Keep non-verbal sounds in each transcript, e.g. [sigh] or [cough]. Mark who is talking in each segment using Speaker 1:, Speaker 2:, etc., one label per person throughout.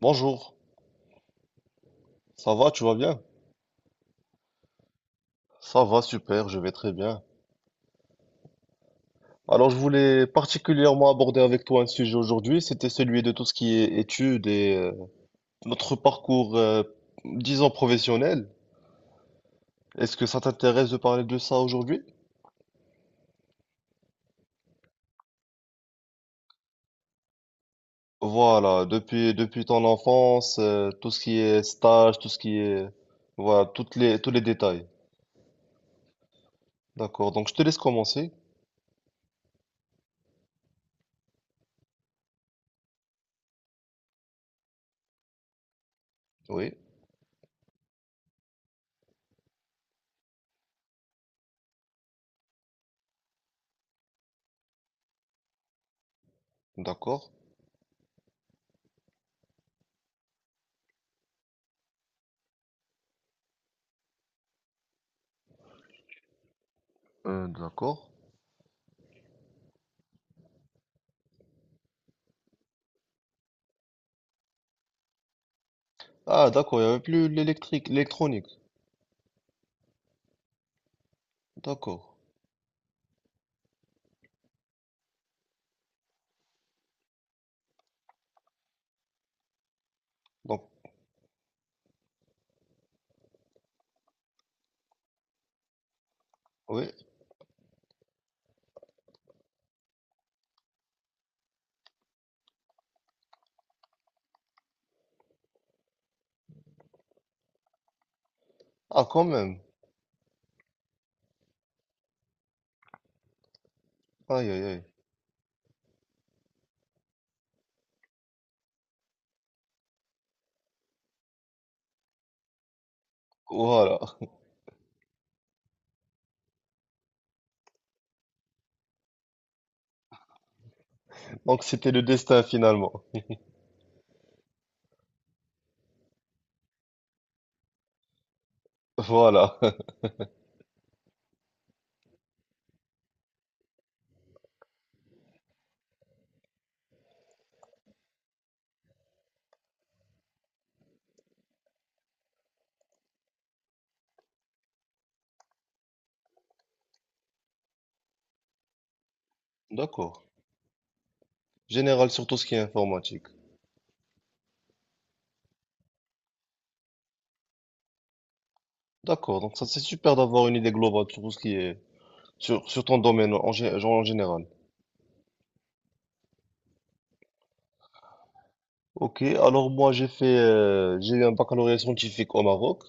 Speaker 1: Bonjour, ça va, tu vas bien? Ça va, super, je vais très bien. Alors, je voulais particulièrement aborder avec toi un sujet aujourd'hui, c'était celui de tout ce qui est études et notre parcours, disons, professionnel. Est-ce que ça t'intéresse de parler de ça aujourd'hui? Voilà, depuis ton enfance, tout ce qui est stage, tout ce qui est... Voilà, tous les détails. D'accord, donc je te laisse commencer. Oui, d'accord. D'accord. Ah, d'accord, il n'y avait plus l'électrique, l'électronique. D'accord. Donc, oui. Ah, quand même. Aïe, aïe, aïe. Voilà. Donc, c'était le destin finalement. Voilà. [laughs] D'accord. Général sur tout ce qui est informatique. D'accord. Donc, ça, c'est super d'avoir une idée globale sur tout ce qui est, sur ton domaine genre en général. Ok. Alors, moi, j'ai eu un baccalauréat scientifique au Maroc.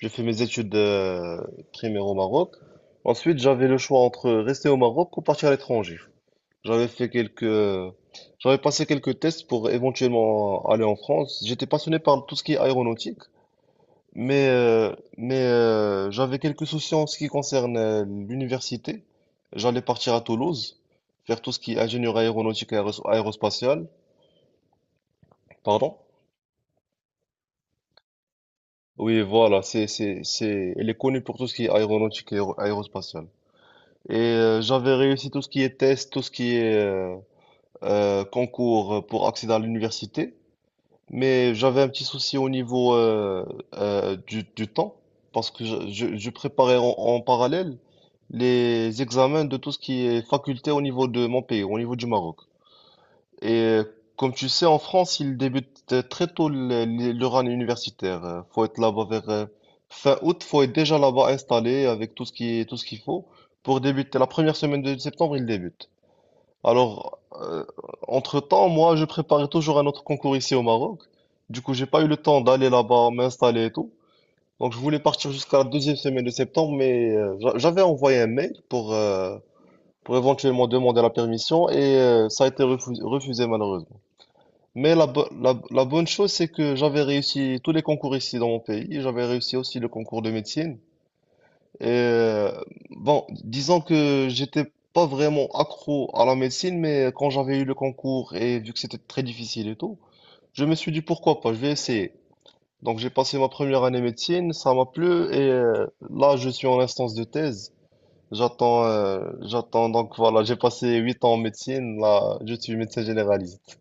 Speaker 1: J'ai fait mes études primaires au Maroc. Ensuite, j'avais le choix entre rester au Maroc ou partir à l'étranger. J'avais fait quelques, J'avais passé quelques tests pour éventuellement aller en France. J'étais passionné par tout ce qui est aéronautique, mais j'avais quelques soucis en ce qui concerne l'université. J'allais partir à Toulouse, faire tout ce qui est ingénieur aéronautique et aérospatiale, pardon. Oui, voilà, elle est connue pour tout ce qui est aéronautique et aérospatiale. J'avais réussi tout ce qui est tests, tout ce qui est concours pour accéder à l'université. Mais j'avais un petit souci au niveau du temps, parce que je préparais en parallèle les examens de tout ce qui est faculté au niveau de mon pays, au niveau du Maroc. Et euh, Comme tu sais, en France, il débute très tôt leur année universitaire. Faut être là-bas vers fin août, faut être déjà là-bas installé avec tout ce qui est, tout ce qu'il faut pour débuter. La première semaine de septembre, il débute. Alors, entre-temps, moi, je préparais toujours un autre concours ici au Maroc. Du coup, j'ai pas eu le temps d'aller là-bas, m'installer et tout. Donc, je voulais partir jusqu'à la deuxième semaine de septembre, mais j'avais envoyé un mail pour éventuellement demander la permission et ça a été refusé malheureusement. Mais la bonne chose, c'est que j'avais réussi tous les concours ici dans mon pays. J'avais réussi aussi le concours de médecine. Euh, bon, disons que j'étais pas vraiment accro à la médecine, mais quand j'avais eu le concours et vu que c'était très difficile et tout, je me suis dit pourquoi pas, je vais essayer. Donc j'ai passé ma première année médecine, ça m'a plu et là je suis en instance de thèse. J'attends donc voilà, j'ai passé 8 ans en médecine, là je suis médecin généraliste.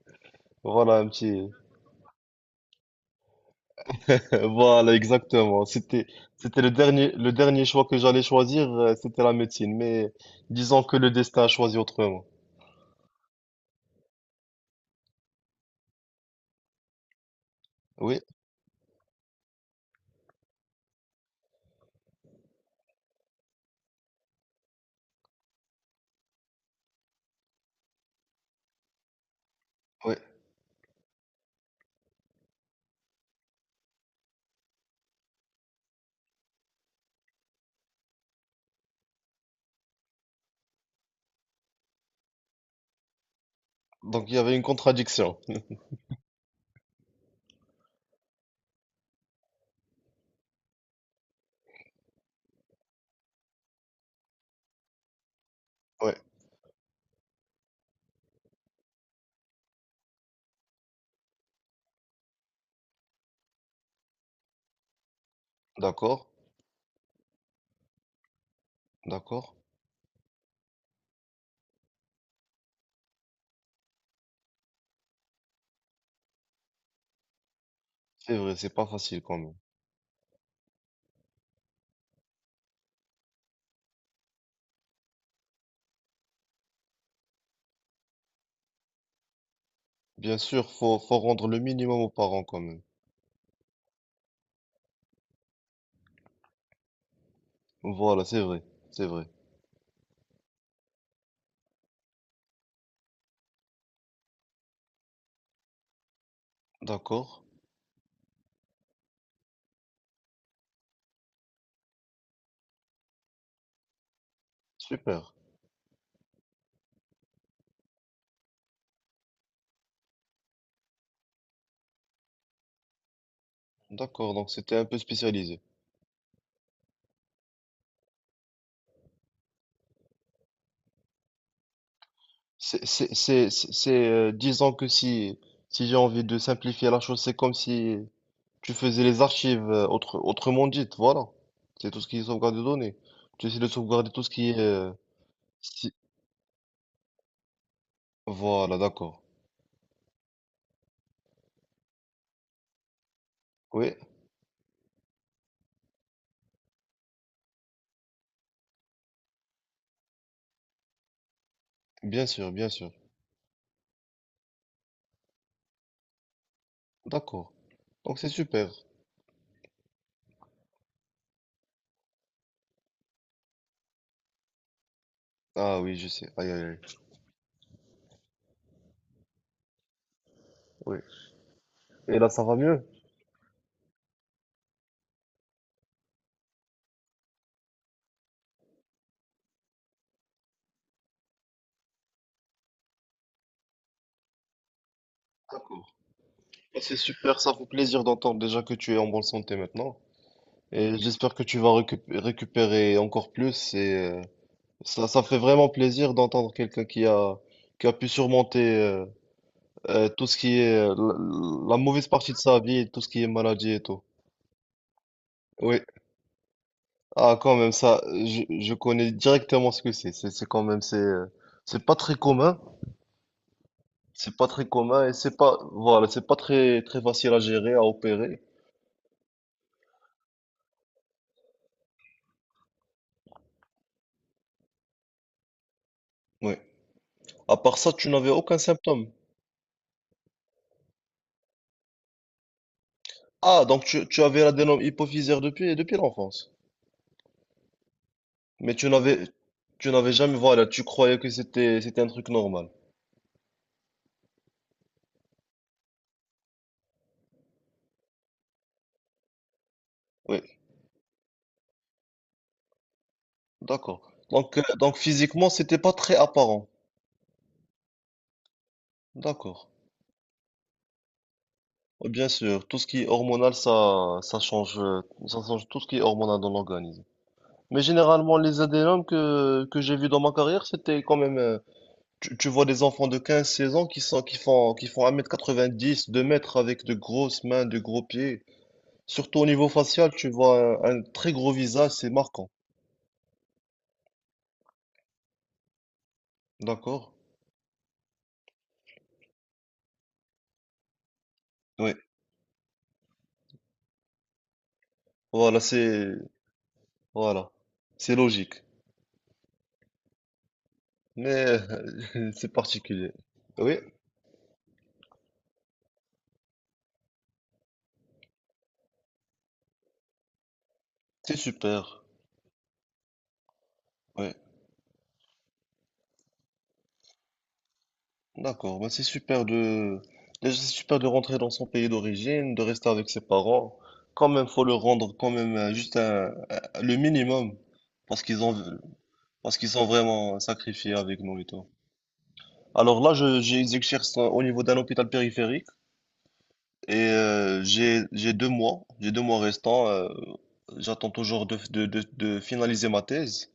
Speaker 1: Voilà un petit, voilà, exactement. C'était le dernier choix que j'allais choisir, c'était la médecine. Mais disons que le destin a choisi autrement. Oui, oui. Donc il y avait une contradiction. [laughs] Oui, d'accord, d'accord. C'est vrai, c'est pas facile quand même. Bien sûr, faut rendre le minimum aux parents quand même. Voilà, c'est vrai, c'est vrai. D'accord, super. D'accord, donc c'était un peu spécialisé. Disons que si j'ai envie de simplifier la chose, c'est comme si tu faisais les archives, autrement dites, voilà. C'est tout ce qui est sauvegarde de données. Tu essaies de sauvegarder tout ce qui est... si- Voilà, d'accord. Oui, bien sûr, bien sûr. D'accord. Donc c'est super. Ah oui, je sais. Aïe, aïe, aïe. Oui. Et là, ça va mieux? Ah, c'est super, ça fait plaisir d'entendre déjà que tu es en bonne santé maintenant. Et j'espère que tu vas récupérer encore plus. Ça fait vraiment plaisir d'entendre quelqu'un qui a pu surmonter... tout ce qui est la mauvaise partie de sa vie, tout ce qui est maladie et tout. Oui. Ah, quand même, ça, je connais directement ce que c'est. C'est quand même, c'est pas très commun. C'est pas très commun et c'est pas, voilà, c'est pas très, très facile à gérer, à opérer. Oui. À part ça, tu n'avais aucun symptôme. Ah, donc tu avais l'adénome hypophysaire depuis l'enfance. Mais tu n'avais jamais, voilà, tu croyais que c'était un truc normal. Oui, d'accord. Donc physiquement, c'était pas très apparent. D'accord. Oui, bien sûr, tout ce qui est hormonal, ça change tout ce qui est hormonal dans l'organisme. Mais généralement, les adénomes que j'ai vus dans ma carrière, c'était quand même, tu vois des enfants de 15, 16 ans qui font 1,90 m, 2 mètres avec de grosses mains, de gros pieds. Surtout au niveau facial, tu vois un très gros visage, c'est marquant. D'accord? Oui. Voilà, voilà. C'est logique. Mais [laughs] c'est particulier. Oui, c'est super. Oui. D'accord, bah, c'est super de rentrer dans son pays d'origine, de rester avec ses parents. Quand même, faut leur rendre quand même juste le minimum parce qu'ils ont parce qu'ils sont vraiment sacrifiés avec nous et tout. Alors là, j'exerce au niveau d'un hôpital périphérique et j'ai 2 mois restants. J'attends toujours de finaliser ma thèse.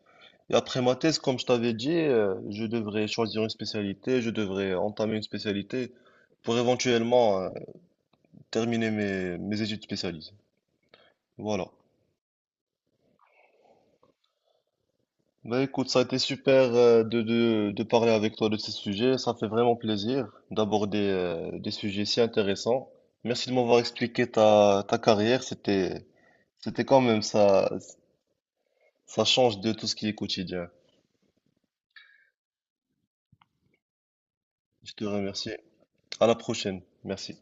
Speaker 1: Et après ma thèse, comme je t'avais dit, je devrais choisir une spécialité, je devrais entamer une spécialité pour éventuellement terminer mes études spécialisées. Voilà. Bah écoute, ça a été super de parler avec toi de ces sujets. Ça fait vraiment plaisir d'aborder des sujets si intéressants. Merci de m'avoir expliqué ta carrière. C'était quand même ça, ça change de tout ce qui est quotidien. Je te remercie. À la prochaine. Merci.